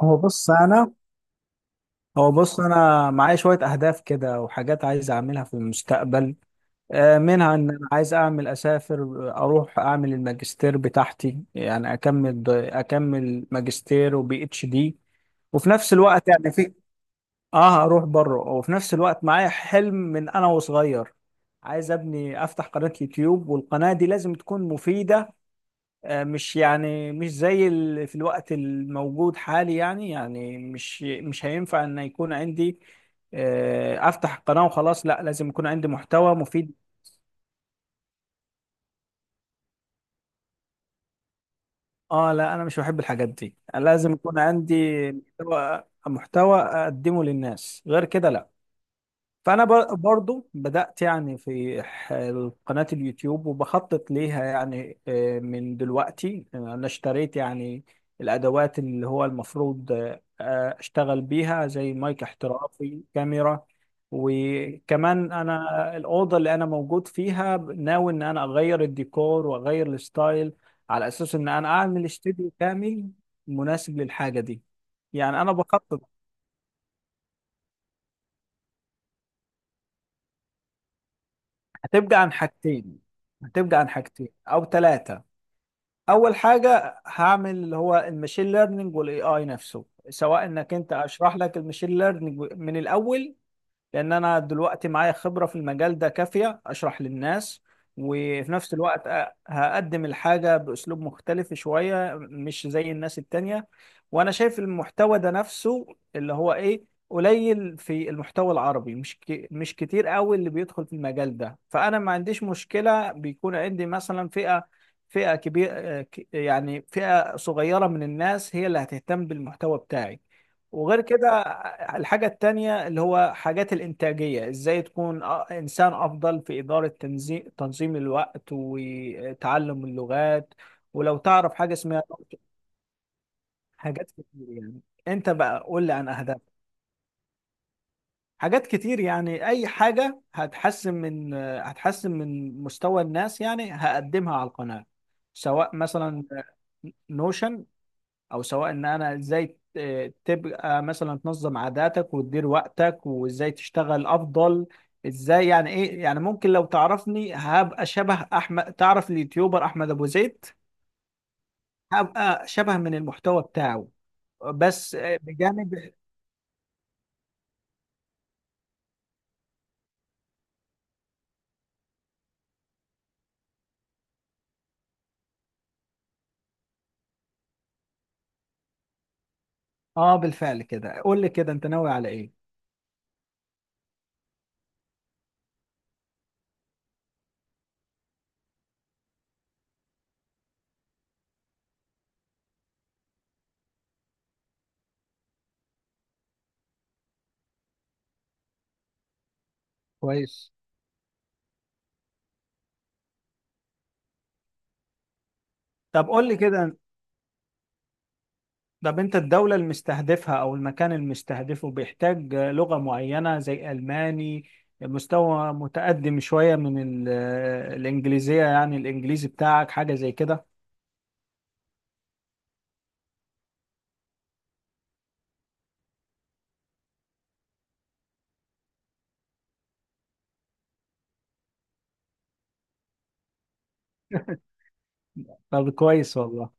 هو بص انا هو بص، انا معايا شويه اهداف كده وحاجات عايز اعملها في المستقبل. منها ان انا عايز اعمل، اسافر اروح اعمل الماجستير بتاعتي، يعني اكمل ماجستير وبي اتش دي. وفي نفس الوقت يعني في اه اروح بره. وفي نفس الوقت معايا حلم من انا وصغير، عايز ابني افتح قناه يوتيوب، والقناه دي لازم تكون مفيده. مش زي في الوقت الموجود حالي، يعني مش هينفع ان يكون عندي افتح قناة وخلاص، لا، لازم يكون عندي محتوى مفيد. اه، لا، انا مش بحب الحاجات دي، لازم يكون عندي محتوى اقدمه للناس، غير كده لا. فانا برضو بدات، يعني قناه اليوتيوب وبخطط ليها، يعني من دلوقتي. انا اشتريت يعني الادوات اللي هو المفروض اشتغل بيها، زي مايك احترافي، كاميرا. وكمان انا الاوضه اللي انا موجود فيها ناوي ان انا اغير الديكور واغير الستايل، على اساس ان انا اعمل استوديو كامل مناسب للحاجه دي. يعني انا بخطط. هتبقى عن حاجتين هتبقى عن حاجتين او ثلاثه. اول حاجه هعمل اللي هو المشين ليرنينج والاي اي نفسه، سواء انك انت اشرح لك المشين ليرنينج من الاول، لان انا دلوقتي معايا خبرة في المجال ده كافية اشرح للناس. وفي نفس الوقت هقدم الحاجة باسلوب مختلف شوية، مش زي الناس التانية. وانا شايف المحتوى ده نفسه اللي هو ايه، قليل في المحتوى العربي، مش كتير قوي اللي بيدخل في المجال ده. فانا ما عنديش مشكلة بيكون عندي مثلا فئة كبيرة، يعني فئة صغيرة من الناس هي اللي هتهتم بالمحتوى بتاعي. وغير كده، الحاجة التانية اللي هو حاجات الإنتاجية، إزاي تكون إنسان أفضل في إدارة تنظيم الوقت وتعلم اللغات. ولو تعرف حاجة اسمها، حاجات كتير يعني. أنت بقى قول لي عن أهداف. حاجات كتير يعني، أي حاجة هتحسن من مستوى الناس يعني هقدمها على القناة. سواء مثلا نوشن، او سواء ان انا ازاي تبقى مثلا تنظم عاداتك وتدير وقتك وازاي تشتغل افضل. ازاي يعني ايه، يعني ممكن لو تعرفني هبقى شبه احمد، تعرف اليوتيوبر احمد ابو زيد؟ هبقى شبه من المحتوى بتاعه، بس بجانب. اه، بالفعل كده قول لي كده انت ناوي على ايه. كويس. طب قول لي كده، طب انت الدولة المستهدفها او المكان المستهدفه بيحتاج لغة معينة زي الماني، مستوى متقدم شوية من ال- الانجليزية، يعني الانجليزي بتاعك حاجة زي كده؟ طب كويس والله.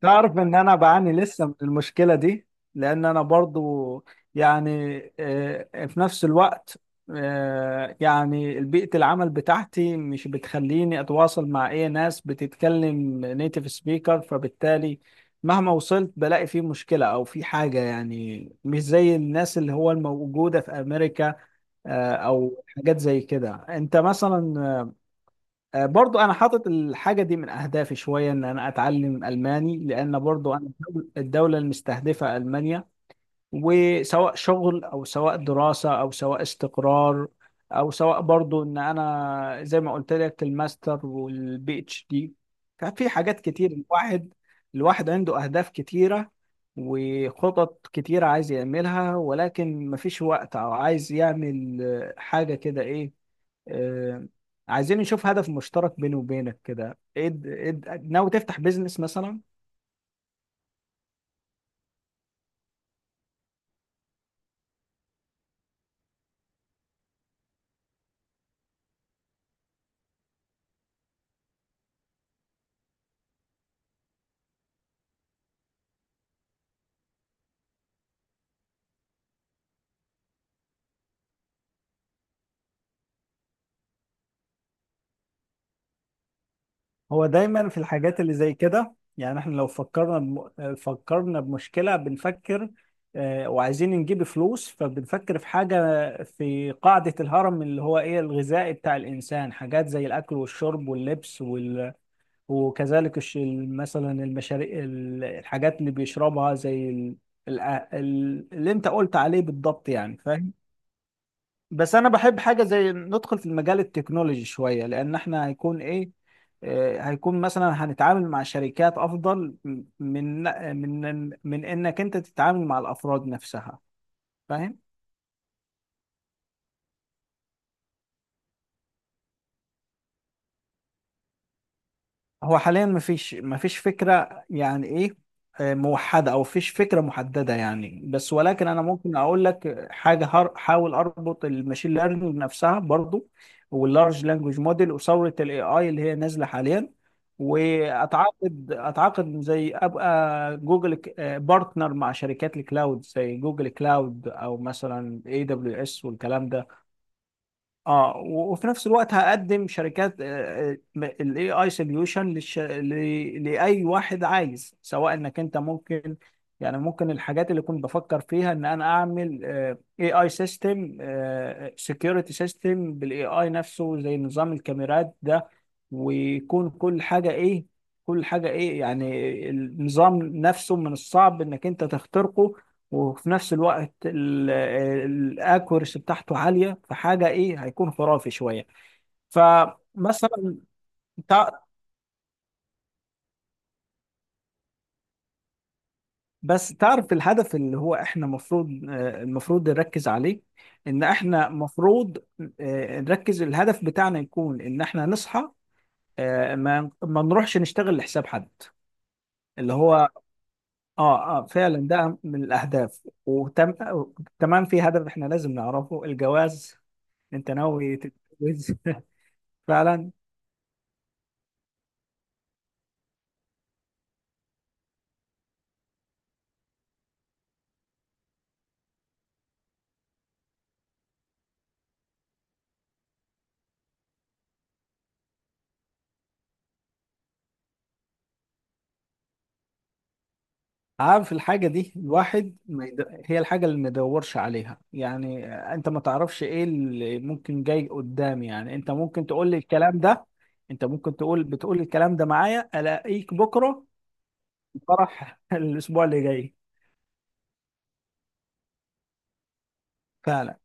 تعرف ان انا بعاني لسه من المشكله دي، لان انا برضو يعني في نفس الوقت يعني بيئه العمل بتاعتي مش بتخليني اتواصل مع اي ناس بتتكلم نيتيف سبيكر، فبالتالي مهما وصلت بلاقي في مشكله او في حاجه، يعني مش زي الناس اللي هو الموجوده في امريكا او حاجات زي كده انت مثلا. برضو انا حاطط الحاجه دي من اهدافي شويه، ان انا اتعلم الماني، لان برضو انا الدوله المستهدفه المانيا. وسواء شغل او سواء دراسه او سواء استقرار، او سواء برضو ان انا زي ما قلت لك الماستر والبي اتش دي. ففي حاجات كتير، الواحد عنده اهداف كتيره وخطط كتيره عايز يعملها، ولكن مفيش وقت، او عايز يعمل حاجه كده ايه. آه، عايزين نشوف هدف مشترك بيني وبينك، كده ناوي تفتح بيزنس مثلا؟ هو دايما في الحاجات اللي زي كده، يعني احنا لو فكرنا بمشكلة بنفكر وعايزين نجيب فلوس، فبنفكر في حاجة في قاعدة الهرم اللي هو ايه، الغذائي بتاع الإنسان، حاجات زي الأكل والشرب واللبس وكذلك الش... مثلا المشاريع الحاجات اللي بيشربها زي ال... اللي انت قلت عليه بالضبط، يعني فاهم. بس انا بحب حاجه زي ندخل في المجال التكنولوجي شويه، لان احنا هيكون ايه، هيكون مثلا هنتعامل مع شركات افضل من انك انت تتعامل مع الافراد نفسها، فاهم. هو حاليا مفيش، فكرة يعني ايه موحدة او فيش فكرة محددة يعني، بس ولكن انا ممكن اقول لك حاجة، حاول اربط الماشين ليرنينج نفسها برضو واللارج لانجوج موديل وثورة الاي اي اللي هي نازلة حاليا، واتعاقد زي ابقى جوجل بارتنر مع شركات الكلاود زي جوجل كلاود، او مثلا اي دبليو اس والكلام ده. اه، وفي نفس الوقت هقدم شركات الاي اي سوليوشن لاي واحد عايز، سواء انك انت ممكن، يعني ممكن الحاجات اللي كنت بفكر فيها ان انا اعمل اي اي سيستم، سكيورتي سيستم بالاي اي نفسه، زي نظام الكاميرات ده. ويكون كل حاجه ايه، يعني النظام نفسه من الصعب انك انت تخترقه، وفي نفس الوقت الاكوريسي بتاعته عاليه، فحاجه ايه، هيكون خرافي شويه. فمثلا تع- بس تعرف الهدف اللي هو احنا المفروض، نركز عليه، ان احنا المفروض نركز الهدف بتاعنا يكون ان احنا نصحى، ما نروحش نشتغل لحساب حد اللي هو، اه، اه، فعلا ده من الاهداف. وتم، تمام. في هدف احنا لازم نعرفه، الجواز. انت ناوي تتجوز؟ فعلا. عارف الحاجة دي، الواحد ما يد... هي الحاجة اللي ما يدورش عليها يعني. انت ما تعرفش ايه اللي ممكن جاي قدام، يعني انت ممكن تقول لي الكلام ده، انت ممكن بتقول الكلام ده معايا، الاقيك بكرة في فرح الاسبوع اللي جاي. فعلا.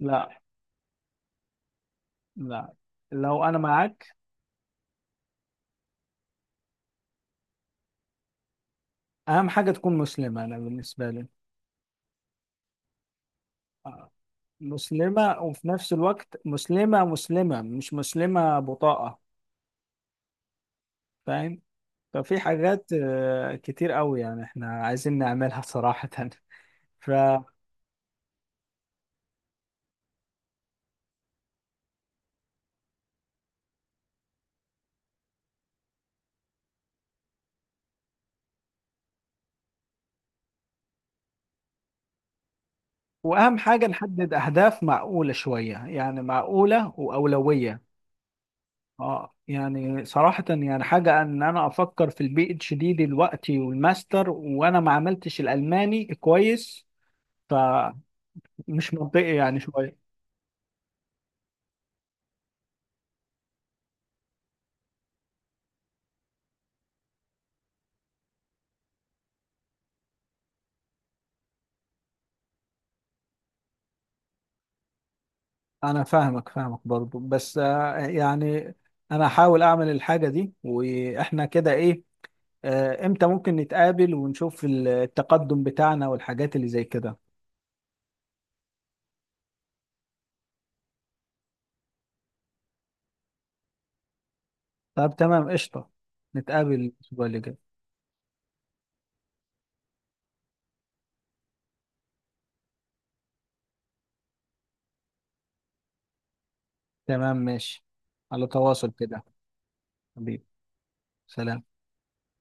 لا، لا، لو انا معاك، اهم حاجة تكون مسلمة انا بالنسبة لي. آه، مسلمة، وفي نفس الوقت مسلمة، مسلمة مش مسلمة بطاقة، فاهم. طب في حاجات كتير قوي يعني احنا عايزين نعملها صراحة. ف واهم حاجة نحدد اهداف معقولة شوية، يعني معقولة واولوية. اه، يعني صراحة يعني حاجة ان انا افكر في البي اتش دي دلوقتي والماستر وانا ما عملتش الالماني كويس، فمش منطقي يعني شوية. انا فاهمك، فاهمك برضو، بس يعني انا هحاول اعمل الحاجة دي، واحنا كده ايه، امتى ممكن نتقابل ونشوف التقدم بتاعنا والحاجات اللي زي كده. طب تمام، قشطة. نتقابل الأسبوع اللي جاي. تمام، ماشي. على تواصل كده. حبيبي، سلام.